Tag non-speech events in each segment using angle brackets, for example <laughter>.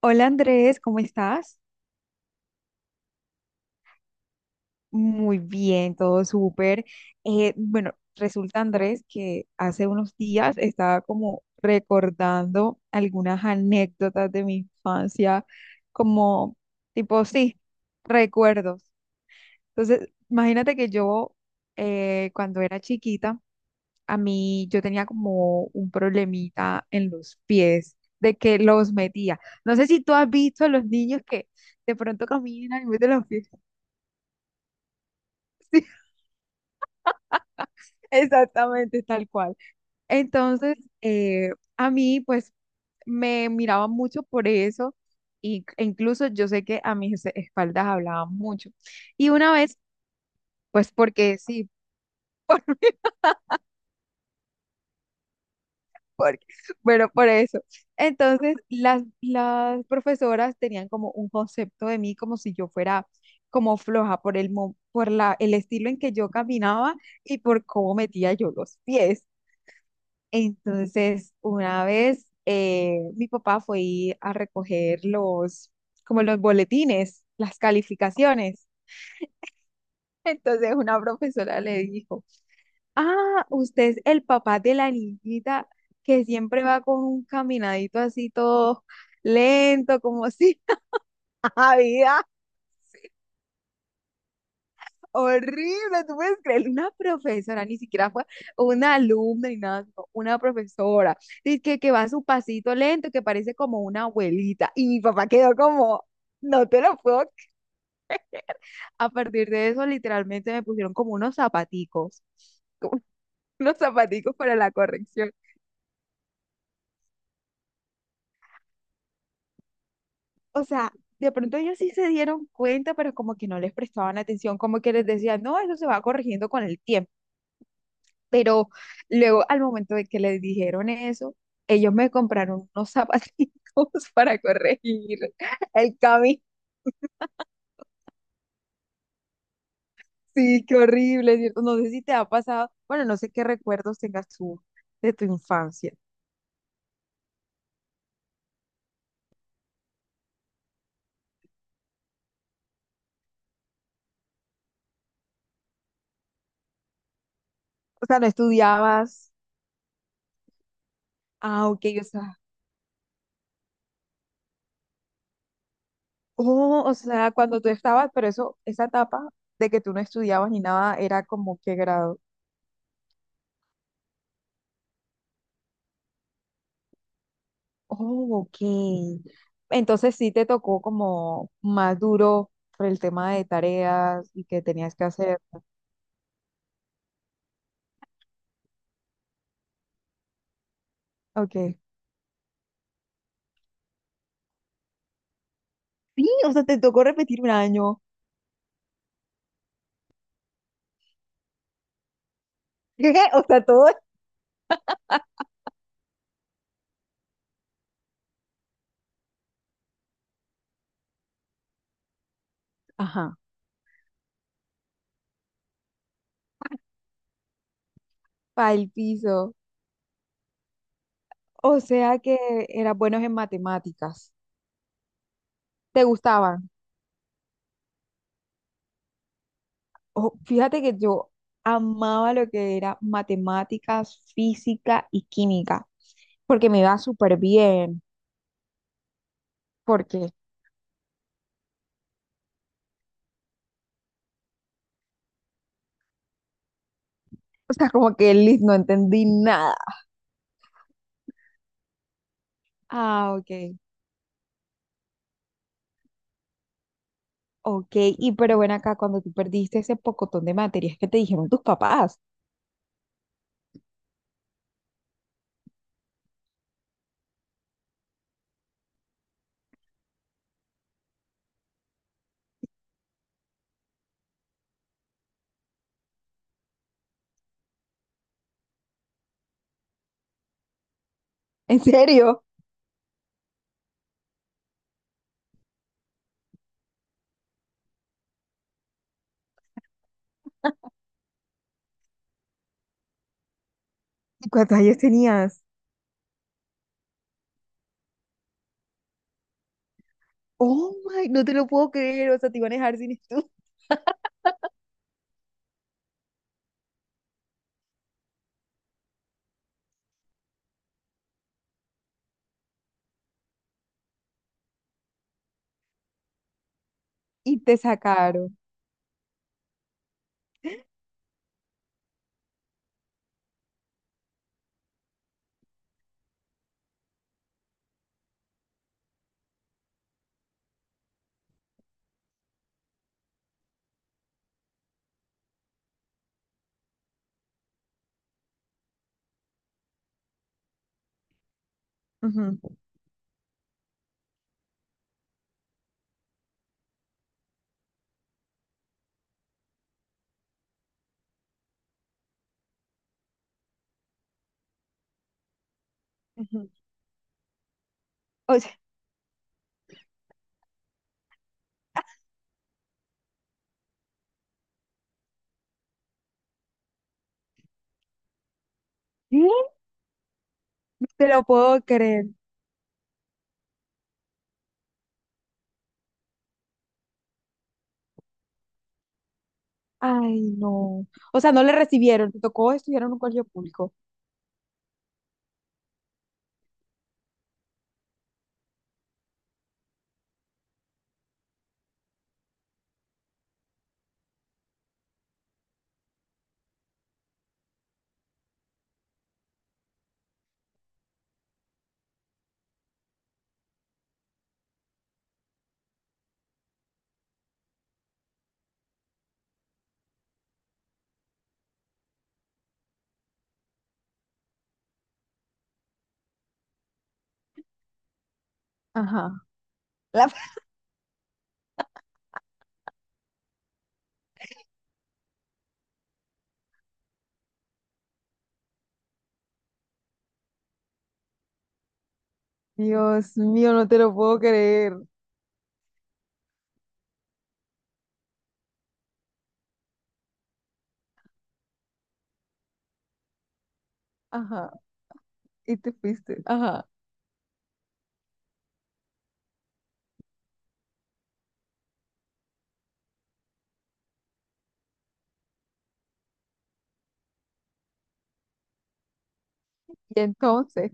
Hola, Andrés, ¿cómo estás? Muy bien, todo súper. Bueno, resulta, Andrés, que hace unos días estaba como recordando algunas anécdotas de mi infancia, como tipo, sí, recuerdos. Entonces, imagínate que yo, cuando era chiquita, a mí yo tenía como un problemita en los pies, de que los metía. No sé si tú has visto a los niños que de pronto caminan y meten los pies. <laughs> Exactamente, tal cual. Entonces, a mí, pues, me miraba mucho por eso, e incluso yo sé que a mis espaldas hablaban mucho. Y una vez, pues, porque sí, <laughs> por, porque, bueno, por eso. Entonces, las profesoras tenían como un concepto de mí como si yo fuera como floja por el estilo en que yo caminaba y por cómo metía yo los pies. Entonces, una vez, mi papá fue ir a recoger los, como los boletines, las calificaciones. <laughs> Entonces, una profesora le dijo: ah, usted es el papá de la niñita que siempre va con un caminadito así todo lento, como si <laughs> nada. Horrible, tú puedes creer, una profesora, ni siquiera fue una alumna ni nada, sino una profesora, dice que va a su pasito lento, que parece como una abuelita, y mi papá quedó como, no te lo puedo, a partir de eso literalmente me pusieron como unos zapaticos, como <laughs> unos zapaticos para la corrección. O sea, de pronto ellos sí se dieron cuenta, pero como que no les prestaban atención, como que les decían, no, eso se va corrigiendo con el tiempo. Pero luego, al momento de que les dijeron eso, ellos me compraron unos zapatitos <laughs> para corregir el camino. Sí, qué horrible, ¿cierto? No sé si te ha pasado, bueno, no sé qué recuerdos tengas tú de tu infancia. O sea, no estudiabas, ah, ok, o sea, oh, o sea, cuando tú estabas, pero eso, esa etapa de que tú no estudiabas ni nada, era como qué grado. Oh, ok. Entonces sí te tocó como más duro por el tema de tareas y que tenías que hacer. Ok. Sí, o sea, te tocó repetir un año. <laughs> O sea, todo. Ajá. Para el piso. O sea que eras buenos en matemáticas. ¿Te gustaban? Oh, fíjate que yo amaba lo que era matemáticas, física y química, porque me iba súper bien. Porque, o sea, como que Liz no entendí nada. Ah, ok. Ok, y pero ven acá, cuando tú perdiste ese pocotón de materias que te dijeron tus papás, ¿en serio? ¿Y cuántos años tenías? Oh my, no te lo puedo creer, o sea, te iban a dejar sin estudio. <laughs> Y te sacaron. Ujú, ujú. O sea, ¿qué? No te lo puedo creer. Ay, no. O sea, no le recibieron, te tocó estudiar en un colegio público. Ajá. La- Dios mío, no te lo puedo creer. Ajá. Y te fuiste. Ajá. Y entonces.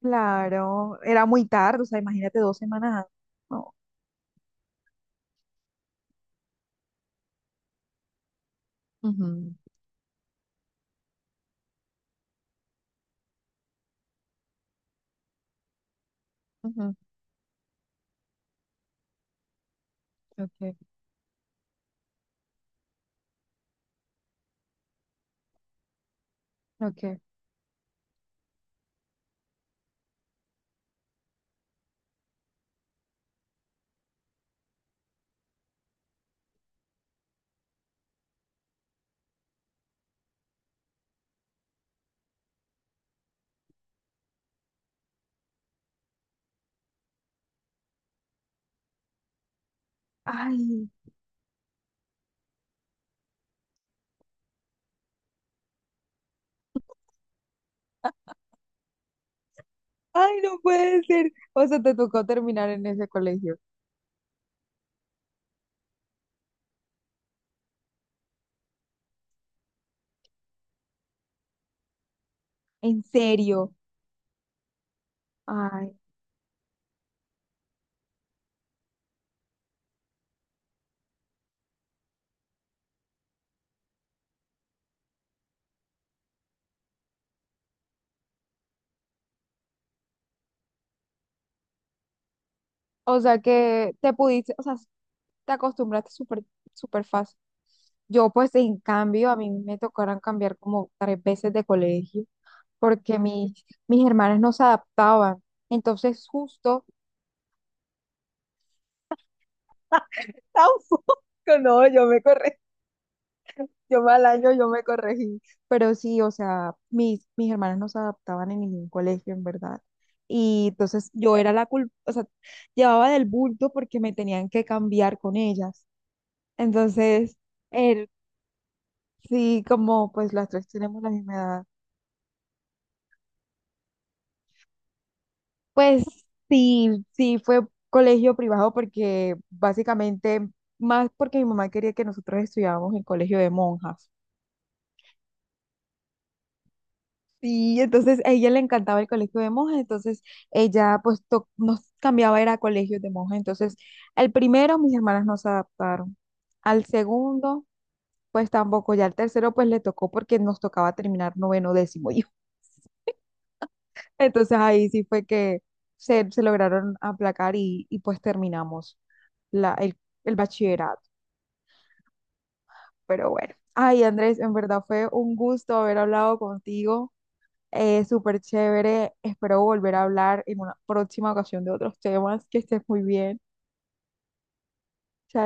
Claro, era muy tarde, o sea, imagínate, 2 semanas antes. No. Ujú, ujú, ok, ok. Ay, ay, no puede ser. O sea, te tocó terminar en ese colegio. ¿En serio? Ay, o sea, que te pudiste, o sea, te acostumbraste súper, súper fácil. Yo, pues, en cambio, a mí me tocaron cambiar como tres veces de colegio porque mis hermanas no se adaptaban. Entonces, justo, <laughs> tampoco, no, yo me corrí. Yo mal año, yo me corregí, pero sí, o sea, mis hermanas no se adaptaban en ningún colegio, en verdad. Y entonces yo era la culpa, o sea, llevaba del bulto porque me tenían que cambiar con ellas. Entonces, él, sí, como pues las tres tenemos la misma edad, pues sí, sí fue colegio privado porque básicamente, más porque mi mamá quería que nosotros estudiáramos en colegio de monjas. Sí, entonces a ella le encantaba el colegio de monjas, entonces ella pues to- nos cambiaba era a colegios de monjas. Entonces, al primero mis hermanas no se adaptaron, al segundo pues tampoco, ya al tercero pues le tocó porque nos tocaba terminar noveno, décimo y <laughs> entonces ahí sí fue que se lograron aplacar y pues terminamos la, el bachillerato. Pero bueno, ay, Andrés, en verdad fue un gusto haber hablado contigo. Súper chévere. Espero volver a hablar en una próxima ocasión de otros temas. Que estés muy bien. Chao.